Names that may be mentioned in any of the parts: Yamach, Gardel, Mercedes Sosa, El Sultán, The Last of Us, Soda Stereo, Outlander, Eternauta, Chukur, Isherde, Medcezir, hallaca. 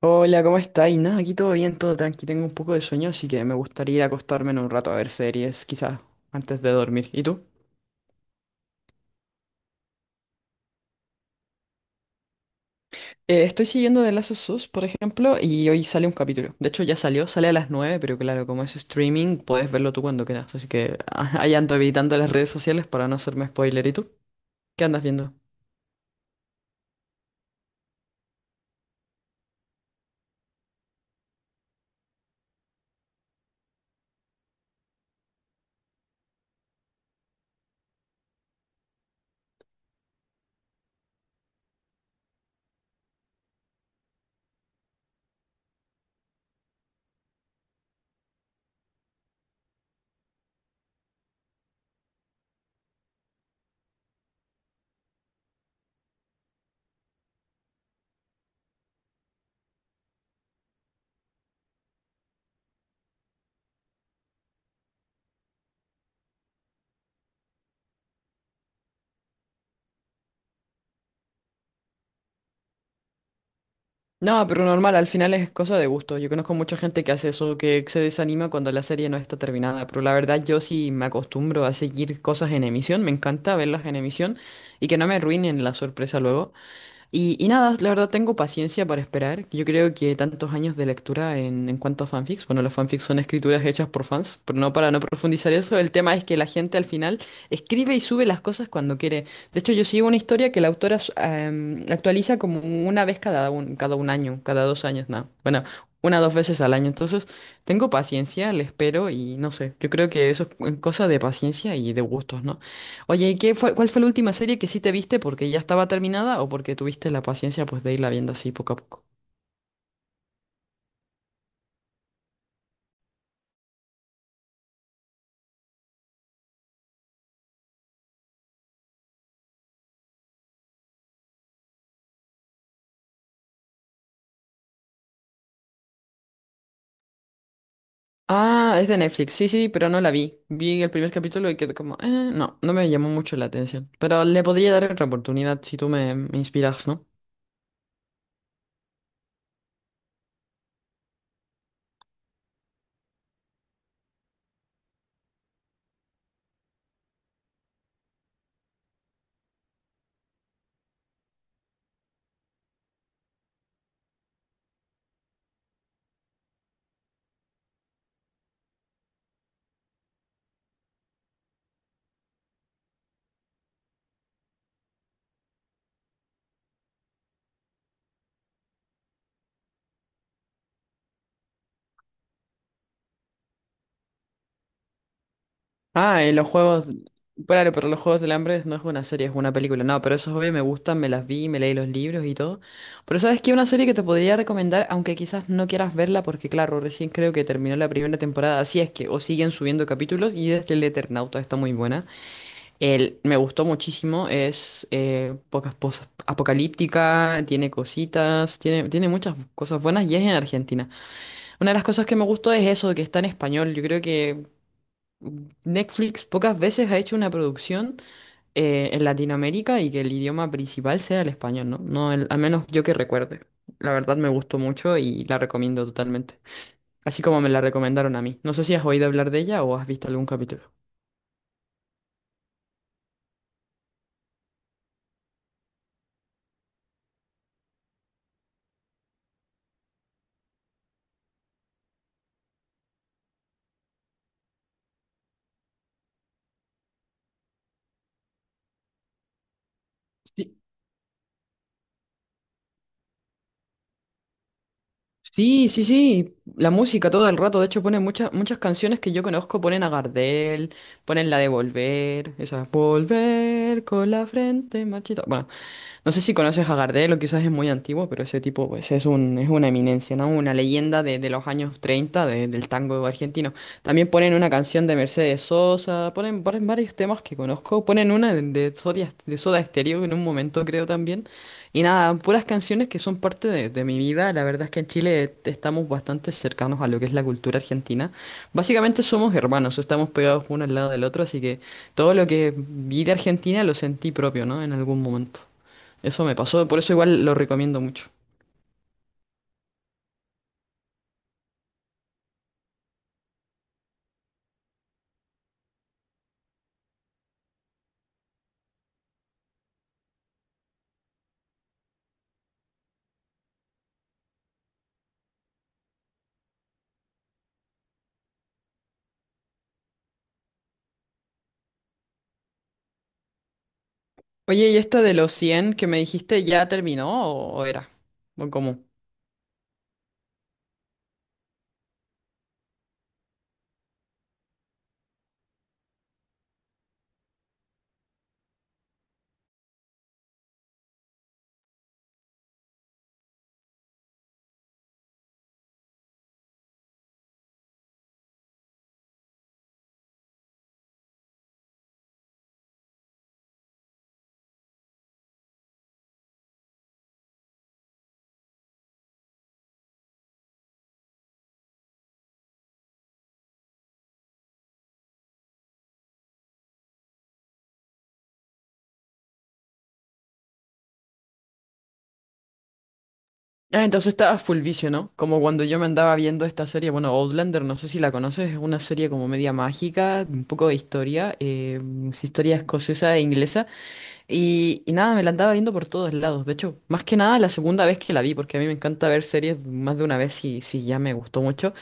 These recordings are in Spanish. Hola, ¿cómo estáis? Nada, aquí todo bien, todo tranqui. Tengo un poco de sueño, así que me gustaría ir a acostarme en un rato a ver series, quizás antes de dormir. ¿Y tú? Estoy siguiendo The Last of Us, por ejemplo, y hoy sale un capítulo. De hecho, ya salió, sale a las 9, pero claro, como es streaming, puedes verlo tú cuando quieras. Así que ahí ando evitando las redes sociales para no hacerme spoiler. ¿Y tú? ¿Qué andas viendo? No, pero normal, al final es cosa de gusto. Yo conozco mucha gente que hace eso, que se desanima cuando la serie no está terminada, pero la verdad yo sí me acostumbro a seguir cosas en emisión, me encanta verlas en emisión y que no me arruinen la sorpresa luego. Y nada, la verdad tengo paciencia para esperar. Yo creo que tantos años de lectura en cuanto a fanfics, bueno, los fanfics son escrituras hechas por fans, pero no para no profundizar eso, el tema es que la gente al final escribe y sube las cosas cuando quiere. De hecho, yo sigo una historia que la autora actualiza como una vez cada un año, cada 2 años, no. Bueno, una o dos veces al año. Entonces, tengo paciencia, le espero y no sé, yo creo que eso es cosa de paciencia y de gustos, ¿no? Oye, cuál fue la última serie que sí te viste porque ya estaba terminada o porque tuviste la paciencia pues de irla viendo así poco a poco? Ah, es de Netflix, sí, sí, pero no la vi. Vi el primer capítulo y quedé como, no, no me llamó mucho la atención. Pero le podría dar otra oportunidad si tú me inspiras, ¿no? Ah, y los juegos. Claro, pero los Juegos del Hambre no es una serie, es una película. No, pero esos obvio me gustan, me las vi, me leí los libros y todo. Pero sabes que una serie que te podría recomendar, aunque quizás no quieras verla, porque claro, recién creo que terminó la primera temporada, así es que, o siguen subiendo capítulos, y desde el Eternauta está muy buena. Me gustó muchísimo, es pocas cosas apocalíptica, tiene cositas, tiene muchas cosas buenas y es en Argentina. Una de las cosas que me gustó es eso, que está en español. Yo creo que Netflix pocas veces ha hecho una producción en Latinoamérica y que el idioma principal sea el español, ¿no? No, al menos yo que recuerde. La verdad me gustó mucho y la recomiendo totalmente. Así como me la recomendaron a mí. No sé si has oído hablar de ella o has visto algún capítulo. Sí, sí, sí, sí, la música todo el rato. De hecho, ponen muchas, muchas canciones que yo conozco. Ponen a Gardel, ponen la de Volver, esa Volver con la frente marchita. Bueno, no sé si conoces a Gardel o quizás es muy antiguo, pero ese tipo pues es una eminencia, ¿no? Una leyenda de los años 30 del tango argentino. También ponen una canción de Mercedes Sosa, ponen varios temas que conozco, ponen una de Soda Stereo en un momento creo también. Y nada, puras canciones que son parte de mi vida. La verdad es que en Chile estamos bastante cercanos a lo que es la cultura argentina. Básicamente somos hermanos, estamos pegados uno al lado del otro, así que todo lo que vi de Argentina lo sentí propio, ¿no? En algún momento. Eso me pasó, por eso igual lo recomiendo mucho. Oye, ¿y esta de los 100 que me dijiste ya terminó o era? ¿O cómo? Ah, entonces estaba full vicio, ¿no? Como cuando yo me andaba viendo esta serie, bueno, Outlander, no sé si la conoces, es una serie como media mágica, un poco de historia, es historia escocesa e inglesa, y nada, me la andaba viendo por todos lados, de hecho, más que nada la segunda vez que la vi, porque a mí me encanta ver series más de una vez si ya me gustó mucho.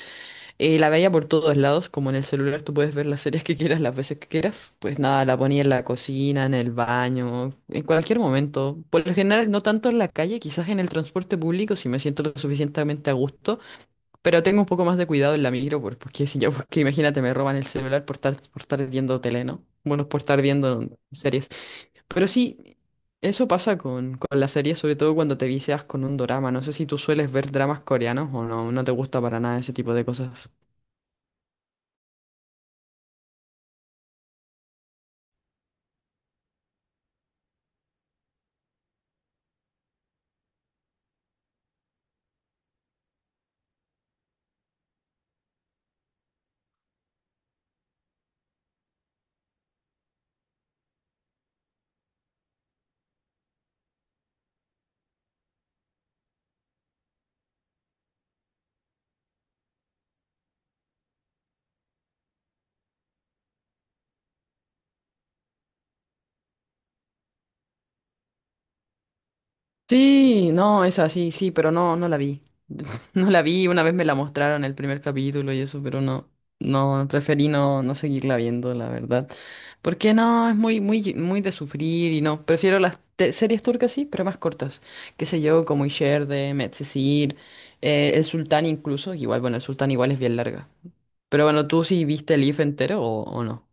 La veía por todos lados, como en el celular tú puedes ver las series que quieras, las veces que quieras. Pues nada, la ponía en la cocina, en el baño, en cualquier momento. Por lo general, no tanto en la calle, quizás en el transporte público si me siento lo suficientemente a gusto, pero tengo un poco más de cuidado en la micro, porque si yo, porque imagínate, me roban el celular por estar viendo tele, ¿no? Bueno, por estar viendo series. Pero sí, eso pasa con las series, sobre todo cuando te vicias con un drama. No sé si tú sueles ver dramas coreanos o no, no te gusta para nada ese tipo de cosas. Sí, no, es así, sí, pero no, no la vi. No la vi, una vez me la mostraron el primer capítulo y eso, pero no, no, preferí no seguirla viendo, la verdad. Porque no, es muy, muy, muy de sufrir y no, prefiero las series turcas, sí, pero más cortas. Qué sé yo, como Isherde, Medcezir, El Sultán incluso, igual, bueno, El Sultán igual es bien larga. Pero bueno, ¿tú sí viste el IF entero o no?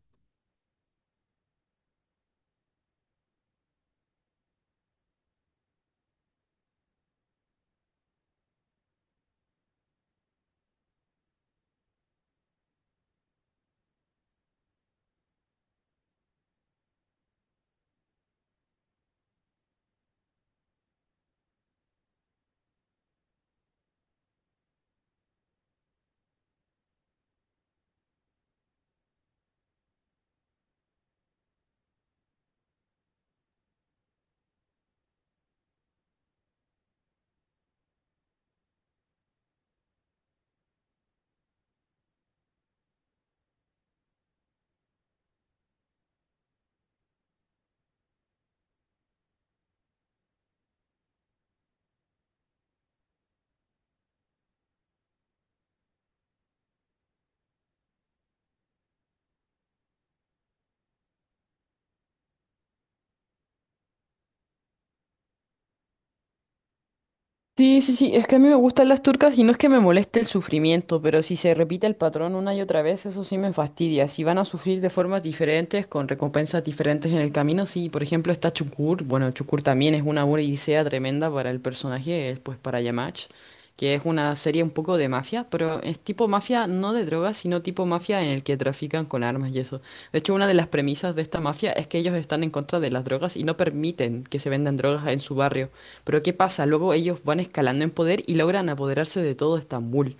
Sí, sí, sí, es que a mí me gustan las turcas y no es que me moleste el sufrimiento, pero si se repite el patrón una y otra vez, eso sí me fastidia. Si van a sufrir de formas diferentes, con recompensas diferentes en el camino, sí, por ejemplo está Chukur, bueno, Chukur también es una odisea tremenda para el personaje, pues para Yamach, que es una serie un poco de mafia, pero es tipo mafia no de drogas, sino tipo mafia en el que trafican con armas y eso. De hecho, una de las premisas de esta mafia es que ellos están en contra de las drogas y no permiten que se vendan drogas en su barrio. Pero ¿qué pasa? Luego ellos van escalando en poder y logran apoderarse de todo Estambul.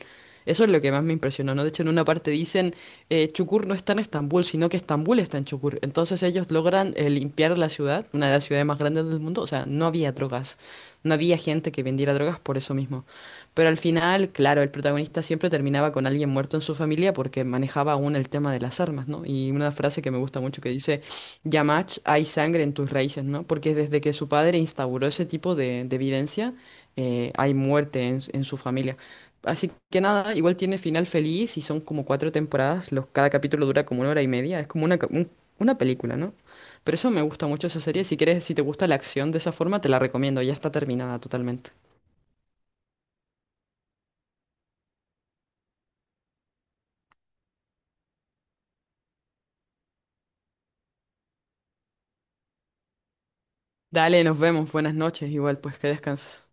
Eso es lo que más me impresionó, ¿no? De hecho, en una parte dicen, Chukur no está en Estambul, sino que Estambul está en Chukur. Entonces ellos logran limpiar la ciudad, una de las ciudades más grandes del mundo. O sea, no había drogas, no había gente que vendiera drogas por eso mismo. Pero al final, claro, el protagonista siempre terminaba con alguien muerto en su familia porque manejaba aún el tema de las armas, ¿no? Y una frase que me gusta mucho que dice, Yamach, hay sangre en tus raíces, ¿no? Porque desde que su padre instauró ese tipo de vivencia, hay muerte en su familia. Así que nada, igual tiene final feliz y son como cuatro temporadas, cada capítulo dura como una hora y media, es como una película, ¿no? Pero eso me gusta mucho esa serie, si quieres, si te gusta la acción de esa forma, te la recomiendo, ya está terminada totalmente. Dale, nos vemos, buenas noches, igual pues que descanses.